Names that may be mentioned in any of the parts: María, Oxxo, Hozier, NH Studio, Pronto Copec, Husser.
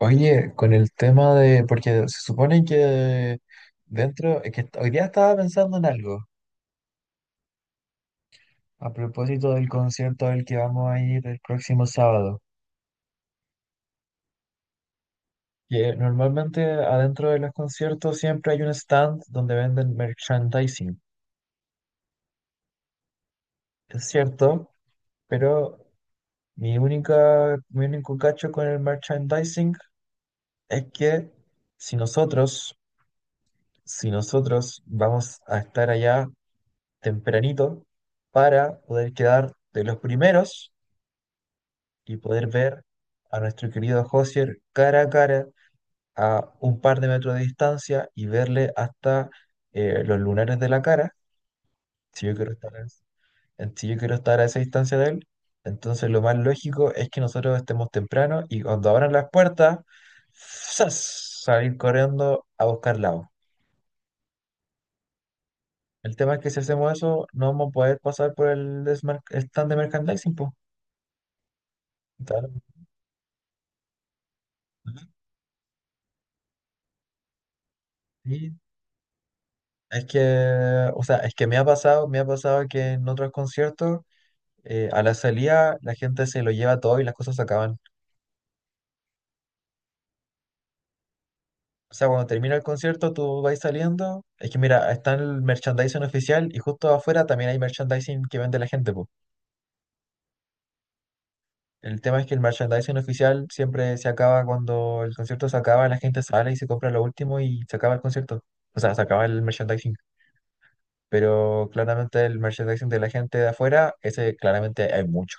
Oye, con el tema de, porque se supone que dentro, es que hoy día estaba pensando en algo a propósito del concierto al que vamos a ir el próximo sábado. Que normalmente adentro de los conciertos siempre hay un stand donde venden merchandising. Es cierto, pero mi único cacho con el merchandising es que si nosotros, si nosotros vamos a estar allá tempranito para poder quedar de los primeros y poder ver a nuestro querido Hosier cara a cara a un par de metros de distancia y verle hasta los lunares de la cara. Si yo quiero estar a, Si yo quiero estar a esa distancia de él, entonces lo más lógico es que nosotros estemos temprano y cuando abran las puertas, ¡zas!, salir corriendo a buscar lado. El tema es que si hacemos eso, no vamos a poder pasar por el stand de merchandising, po. Claro. Sí, es que, o sea, es que me ha pasado que en otros conciertos, a la salida la gente se lo lleva todo y las cosas se acaban. O sea, cuando termina el concierto, tú vas saliendo. Es que mira, está el merchandising oficial y justo afuera también hay merchandising que vende la gente, po. El tema es que el merchandising oficial siempre se acaba cuando el concierto se acaba, la gente sale y se compra lo último y se acaba el concierto. O sea, se acaba el merchandising. Pero claramente el merchandising de la gente de afuera, ese claramente hay mucho.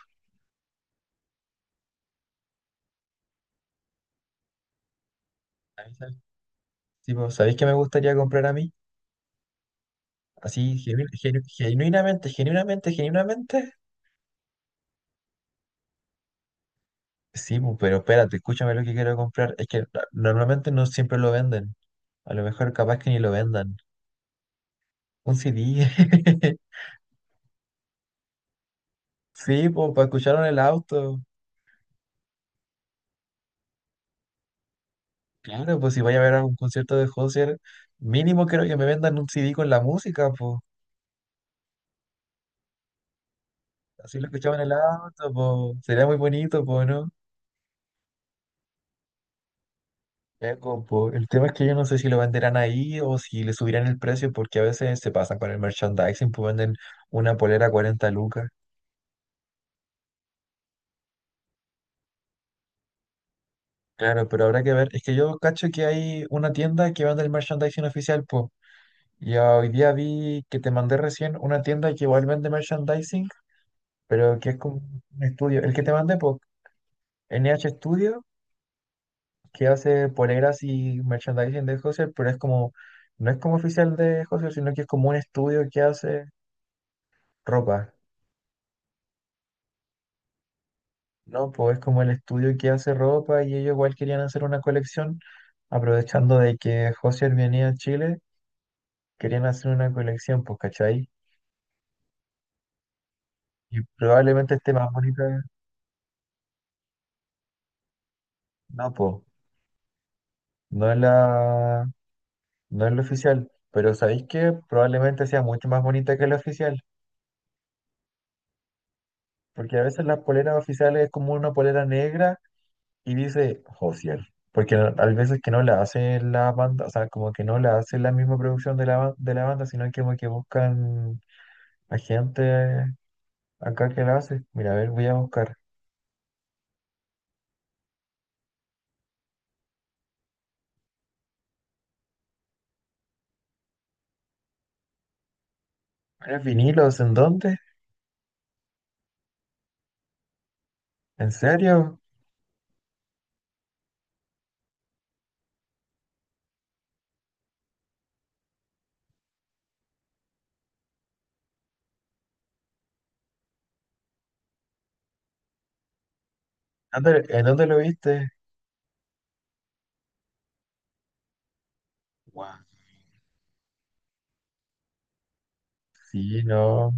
Sí, pues, ¿sabéis qué me gustaría comprar a mí? Así, genuinamente, genuinamente, genuinamente. Sí, pues, pero espérate, escúchame lo que quiero comprar. Es que normalmente no siempre lo venden. A lo mejor capaz que ni lo vendan. Un CD. Sí, pues, para escucharlo en el auto. Claro, pues si vaya a ver algún concierto de Hozier, mínimo creo que me vendan un CD con la música, pues. Así lo escuchaba en el auto, pues. Sería muy bonito, pues, no. Ya, compo, el tema es que yo no sé si lo venderán ahí o si le subirán el precio porque a veces se pasan con el merchandising, pues venden una polera a 40 lucas. Claro, pero habrá que ver. Es que yo cacho que hay una tienda que vende el merchandising oficial, pues. Y hoy día vi que te mandé recién una tienda que igual vende merchandising, pero que es como un estudio. El que te mandé, pues, NH Studio, que hace poleras y merchandising de Husser, pero es como, no es como oficial de Husser, sino que es como un estudio que hace ropa. No, pues es como el estudio que hace ropa y ellos igual querían hacer una colección, aprovechando de que Josier venía a Chile, querían hacer una colección, pues, ¿cachai? Y probablemente esté más bonita. No, pues, no es la, no es la oficial, pero ¿sabéis que probablemente sea mucho más bonita que la oficial, porque a veces las poleras oficiales es como una polera negra y dice Josier, porque a veces que no la hace la banda, o sea, como que no la hace la misma producción de de la banda, sino que como que buscan hay gente acá que la hace. Mira, a ver, voy a buscar. ¿Eres vinilos? ¿En dónde? ¿En serio? ¿En dónde lo viste? Wow. Sí, no.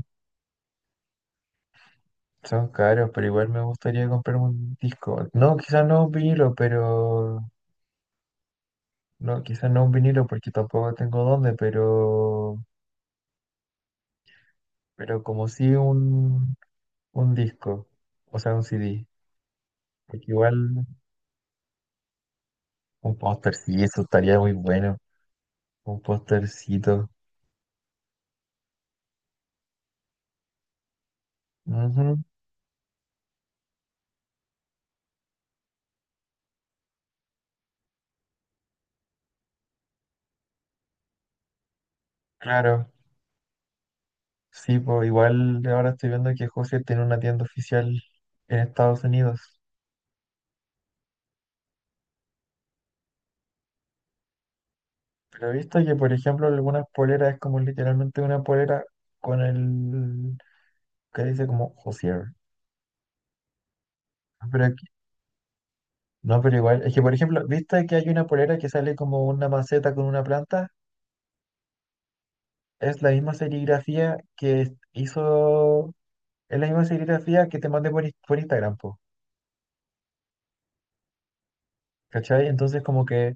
Son caros, pero igual me gustaría comprar un disco. No, quizás no un vinilo, pero... No, quizás no un vinilo porque tampoco tengo dónde, pero... Pero como sí un disco. O sea, un CD. Porque igual un póster, sí, eso estaría muy bueno. Un póstercito. Ujú. Claro. Sí, pues igual ahora estoy viendo que José tiene una tienda oficial en Estados Unidos. Pero he visto que, por ejemplo, algunas poleras es como literalmente una polera con el que dice como Josier. No, no, pero igual, es que, por ejemplo, ¿viste que hay una polera que sale como una maceta con una planta? Es la misma serigrafía que es- hizo, es la misma serigrafía que te mandé por, por Instagram, po, ¿cachai? Entonces como que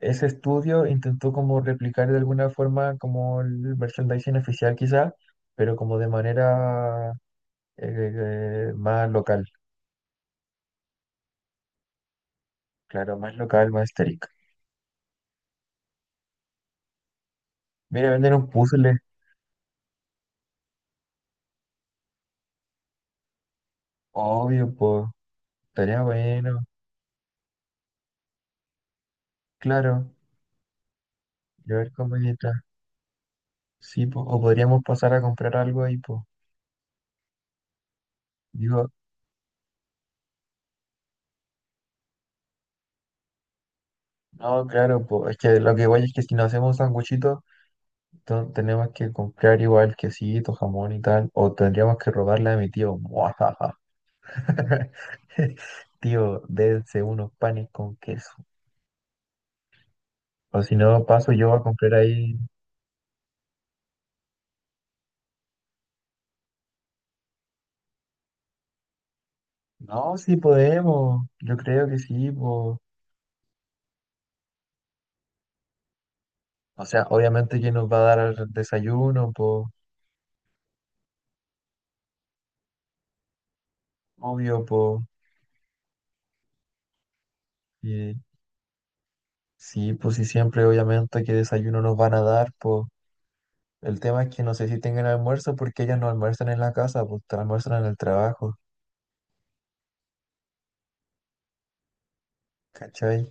ese estudio intentó como replicar de alguna forma como el merchandising oficial quizá, pero como de manera eh, más local, claro, más local, más estética. Mira, vender un puzzle, obvio, pues, estaría bueno, claro, llevar comidita, sí, po, o podríamos pasar a comprar algo ahí, pues. Digo, no, claro, pues, es que lo que voy es que si nos hacemos un sanguchito, tenemos que comprar igual quesito, jamón y tal, o tendríamos que robarle a mi tío. Tío, dense unos panes con queso. O si no, paso yo a comprar ahí. No, sí podemos. Yo creo que sí, po. O sea, obviamente que nos va a dar el desayuno, po. Obvio, po. Y sí, pues sí, siempre, obviamente, que desayuno nos van a dar, po. El tema es que no sé si tengan almuerzo porque ellas no almuerzan en la casa, pues almuerzan en el trabajo. ¿Cachai?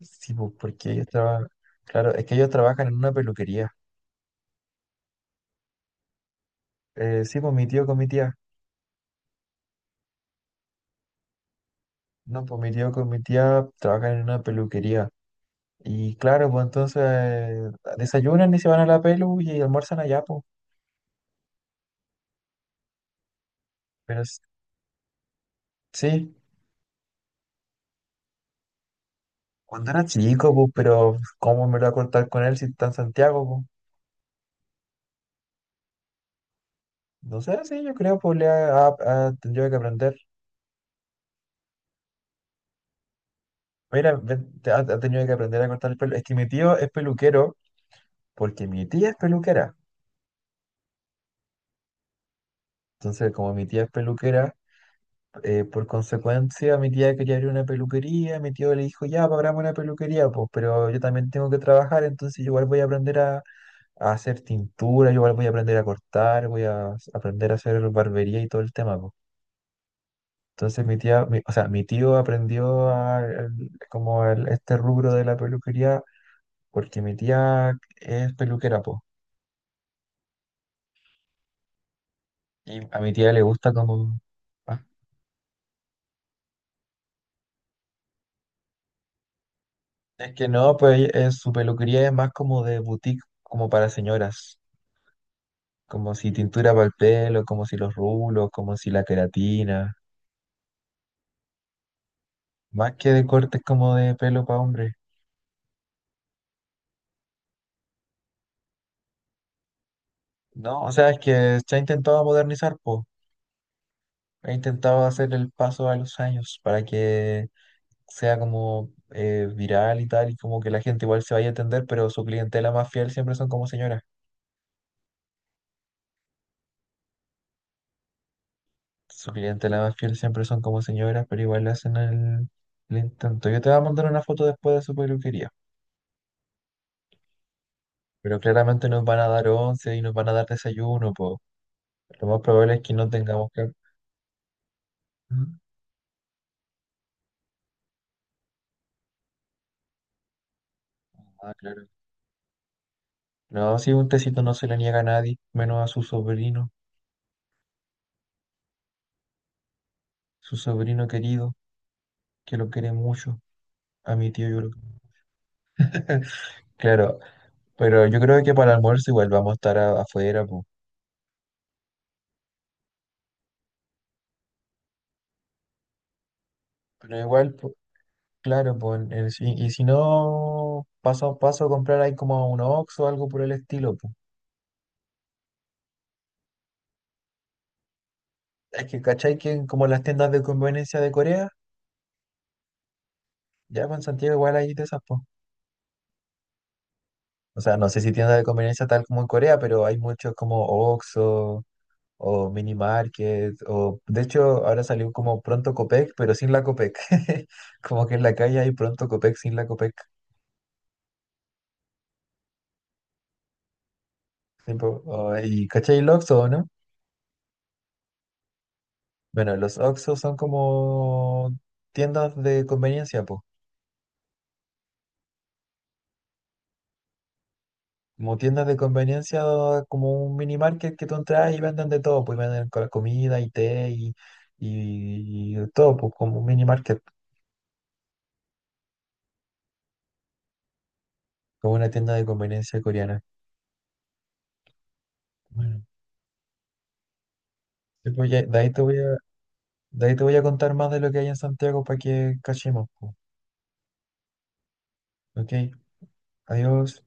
Sí, pues porque ellos trabajan. Claro, es que ellos trabajan en una peluquería. Sí, pues mi tío con mi tía. No, pues mi tío con mi tía trabajan en una peluquería. Y claro, pues entonces desayunan y se van a la pelu y almuerzan allá, pues. Pero s- sí, cuando era chico, pues, pero ¿cómo me lo voy a cortar con él si está en Santiago, pues? No sé, sí, yo creo, pues, ha tenido que aprender. Mira, ven, ha tenido que aprender a cortar el pelo. Es que mi tío es peluquero porque mi tía es peluquera. Entonces, como mi tía es peluquera, por consecuencia, mi tía quería abrir una peluquería, mi tío le dijo, ya, pues, abramos una peluquería, pues, pero yo también tengo que trabajar, entonces yo igual voy a a hacer tintura, yo igual voy a aprender a cortar, voy a aprender a hacer barbería y todo el tema, pues. Entonces o sea, mi tío aprendió como este rubro de la peluquería porque mi tía es peluquera, pues, y a mi tía le gusta como... ah, es que no, pues su peluquería es más como de boutique, como para señoras. Como si tintura para el pelo, como si los rulos, como si la queratina. Más que de cortes como de pelo para hombre. No, o sea, es que se ha intentado modernizar, po. Ha intentado hacer el paso a los años para que sea como viral y tal, y como que la gente igual se vaya a atender, pero su clientela más fiel siempre son como señoras. Su clientela más fiel siempre son como señoras, pero igual le hacen el intento. Yo te voy a mandar una foto después de su peluquería. Pero claramente nos van a dar once y nos van a dar desayuno, po. Lo más probable es que no tengamos que... Ujú. Ah, claro. No, si un tecito no se le niega a nadie, menos a su sobrino querido, que lo quiere mucho. A mi tío yo lo... Claro, pero yo creo que para el almuerzo igual vamos a estar afuera, po. Pero igual, po, claro, pues y si no, paso a comprar ahí como un Oxxo o algo por el estilo, po. Es que, ¿cachai? Que en como las tiendas de conveniencia de Corea, ya con Santiago igual hay de esas, po. O sea, no sé si tiendas de conveniencia tal como en Corea, pero hay muchos como Oxxo o Mini Market o de hecho ahora salió como Pronto Copec, pero sin la Copec. Como que en la calle hay Pronto Copec sin la Copec. Tipo, oh, y ¿cachai el Oxxo, no? Bueno, los Oxxo son como tiendas de conveniencia, pues. Como tiendas de conveniencia, como un mini market que tú entras y venden de todo, pues venden comida y té y todo, pues como un mini market, como una tienda de conveniencia coreana. Bueno, sí, pues de ahí te voy de ahí te voy a contar más de lo que hay en Santiago para que cachemos, pues. Ok, adiós.